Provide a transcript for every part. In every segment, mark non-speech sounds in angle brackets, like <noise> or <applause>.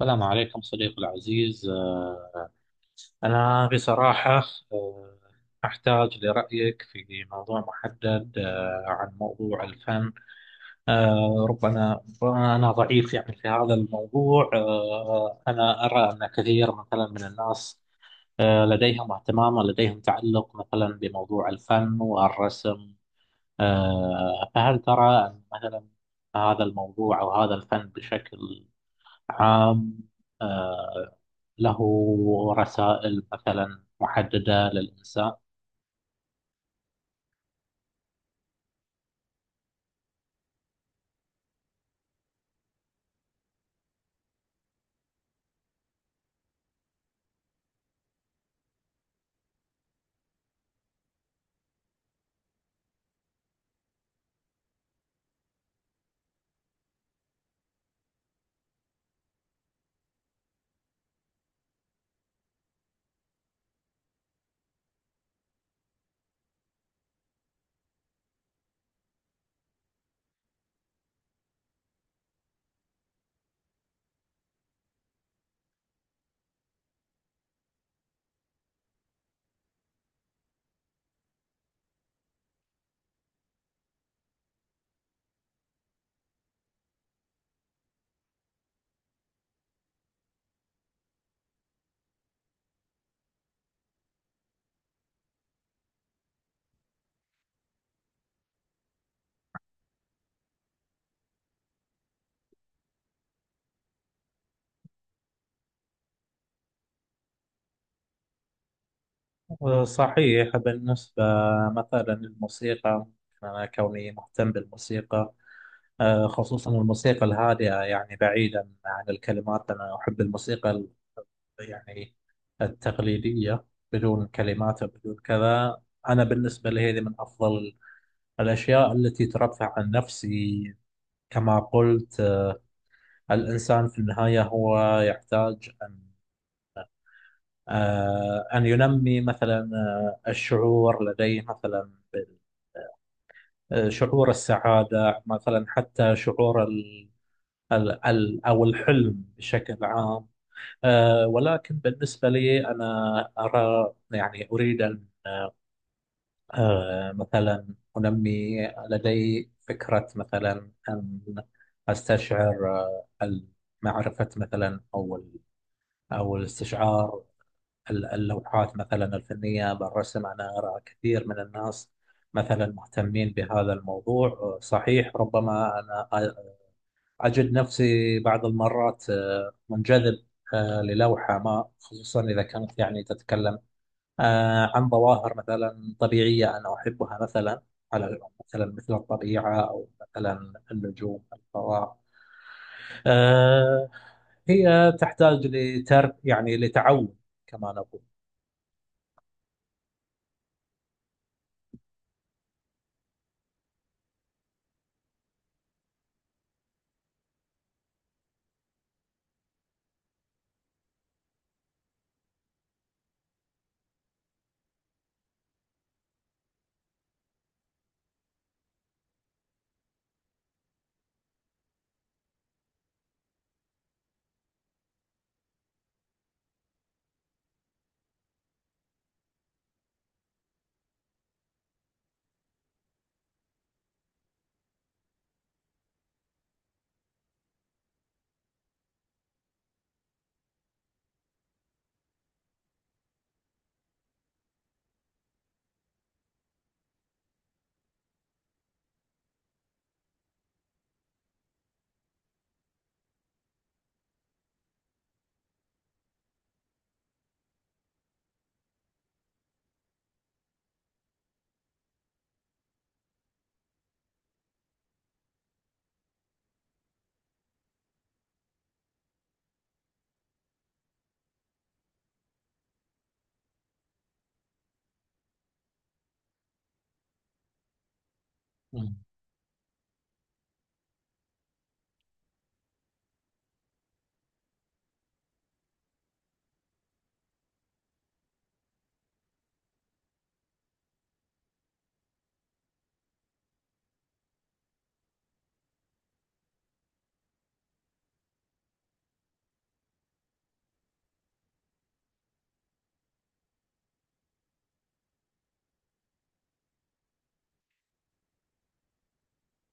السلام عليكم صديقي العزيز، أنا بصراحة آه، أحتاج لرأيك في موضوع محدد، عن موضوع الفن. ربما أنا ضعيف يعني في هذا الموضوع. أنا أرى أن كثير مثلا من الناس لديهم اهتمام ولديهم تعلق مثلا بموضوع الفن والرسم. فهل ترى أن مثلا هذا الموضوع أو هذا الفن بشكل عام، آه، له رسائل مثلا محددة للإنسان؟ صحيح. بالنسبة مثلا للموسيقى، أنا كوني مهتم بالموسيقى، خصوصا الموسيقى الهادئة، يعني بعيدا عن الكلمات، أنا أحب الموسيقى يعني التقليدية، بدون كلمات وبدون كذا. أنا بالنسبة لي هذه من أفضل الأشياء التي ترفع عن نفسي. كما قلت، الإنسان في النهاية هو يحتاج أن أن ينمي مثلا الشعور لديه مثلا شعور السعادة مثلا، حتى شعور ال أو الحلم بشكل عام. ولكن بالنسبة لي، أنا أرى يعني أريد أن مثلا أنمي. لدي فكرة مثلا أن أستشعر معرفة مثلا أو الاستشعار اللوحات مثلا الفنية بالرسم. أنا أرى كثير من الناس مثلا مهتمين بهذا الموضوع. صحيح، ربما أنا أجد نفسي بعض المرات منجذب للوحة ما، خصوصا إذا كانت يعني تتكلم عن ظواهر مثلا طبيعية أنا أحبها، مثلا على مثلا مثل الطبيعة، أو مثلا النجوم، الفضاء. آه، هي تحتاج لترك يعني لتعود، كما نقول.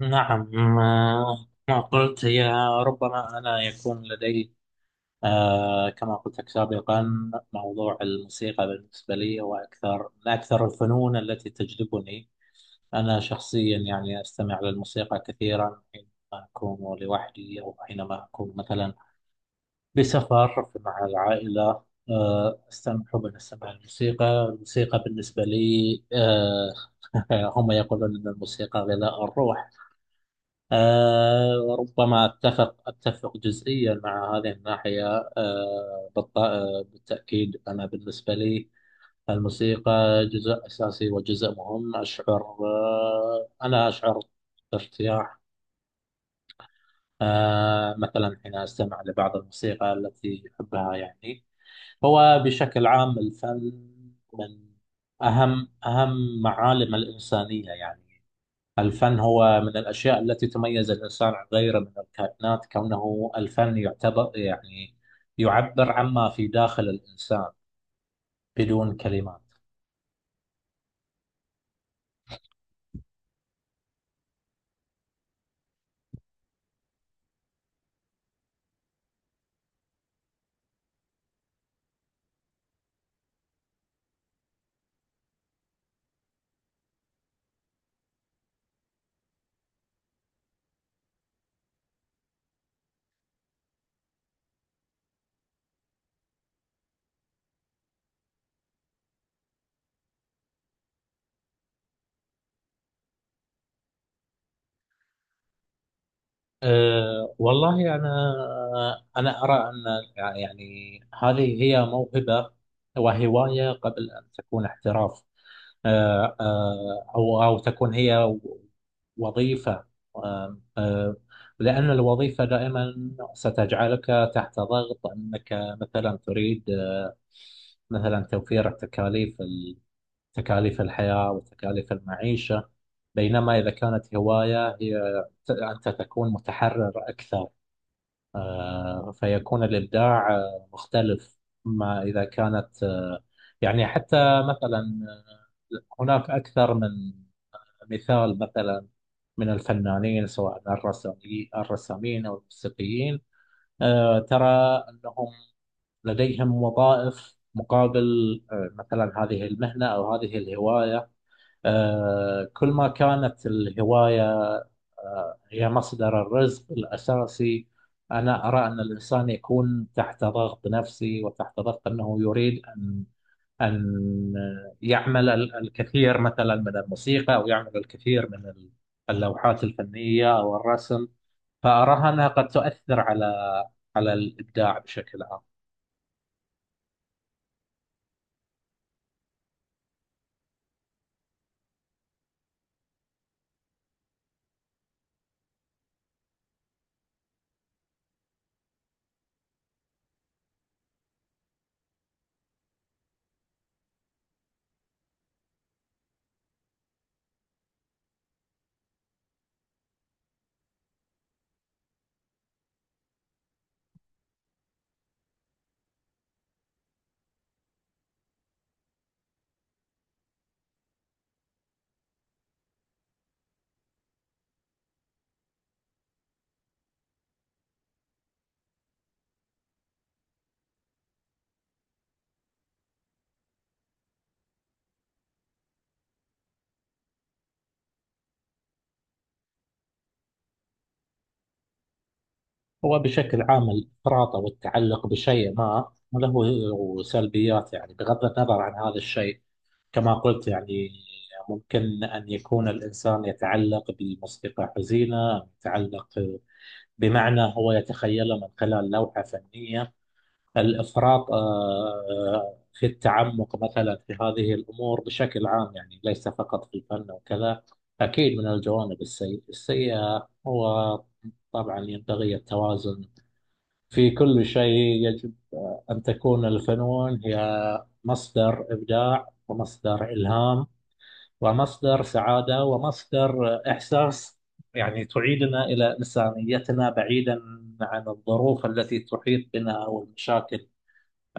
نعم، ما قلت هي ربما. أنا يكون لدي، كما قلت لك سابقا، موضوع الموسيقى بالنسبة لي هو أكثر الفنون التي تجذبني. أنا شخصيا يعني أستمع للموسيقى كثيرا حينما أكون لوحدي، أو حينما أكون مثلا بسفر مع العائلة. أستمع للموسيقى. الموسيقى بالنسبة لي آه <laughs> هم يقولون أن الموسيقى غذاء الروح. وربما أتفق جزئيا مع هذه الناحية. بالتأكيد أنا بالنسبة لي الموسيقى جزء أساسي وجزء مهم. أشعر بارتياح مثلا حين أستمع لبعض الموسيقى التي أحبها. يعني هو بشكل عام الفن من أهم معالم الإنسانية. يعني الفن هو من الأشياء التي تميز الإنسان عن غيره من الكائنات، كونه الفن يعتبر يعني يعبر عما في داخل الإنسان بدون كلمات. والله أنا، أرى أن يعني هذه هي موهبة وهواية قبل أن تكون احتراف، أه أه أو تكون هي وظيفة. أه أه لأن الوظيفة دائما ستجعلك تحت ضغط أنك مثلا تريد مثلا توفير التكاليف، تكاليف الحياة وتكاليف المعيشة. بينما إذا كانت هواية، هي أنت تكون متحرر أكثر، فيكون الإبداع مختلف ما إذا كانت يعني. حتى مثلا هناك أكثر من مثال مثلا من الفنانين، سواء الرسامين أو الموسيقيين، ترى أنهم لديهم وظائف مقابل مثلا هذه المهنة أو هذه الهواية. كل ما كانت الهواية هي مصدر الرزق الأساسي، أنا أرى أن الإنسان يكون تحت ضغط نفسي وتحت ضغط أنه يريد أن أن يعمل الكثير مثلا من الموسيقى، أو يعمل الكثير من اللوحات الفنية أو الرسم. فأراها أنها قد تؤثر على على الإبداع بشكل عام. هو بشكل عام الإفراط أو التعلق بشيء ما له سلبيات، يعني بغض النظر عن هذا الشيء. كما قلت يعني، ممكن أن يكون الإنسان يتعلق بموسيقى حزينة، أو يتعلق بمعنى هو يتخيله من خلال لوحة فنية. الإفراط في التعمق مثلا في هذه الأمور بشكل عام، يعني ليس فقط في الفن وكذا، أكيد من الجوانب السيئة هو. طبعا ينبغي التوازن في كل شيء. يجب أن تكون الفنون هي مصدر إبداع، ومصدر إلهام، ومصدر سعادة، ومصدر إحساس، يعني تعيدنا إلى إنسانيتنا بعيدا عن الظروف التي تحيط بنا أو المشاكل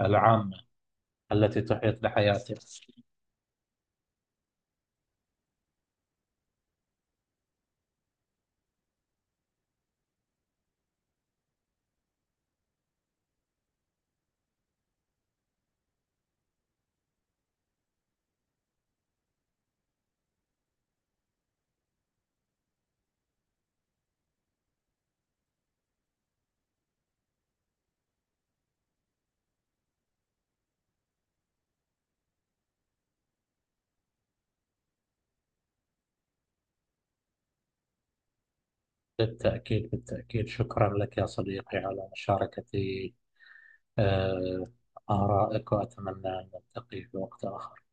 العامة التي تحيط بحياتنا. بالتأكيد، شكرا لك يا صديقي على مشاركة آه، آرائك، وأتمنى أن نلتقي في وقت آخر.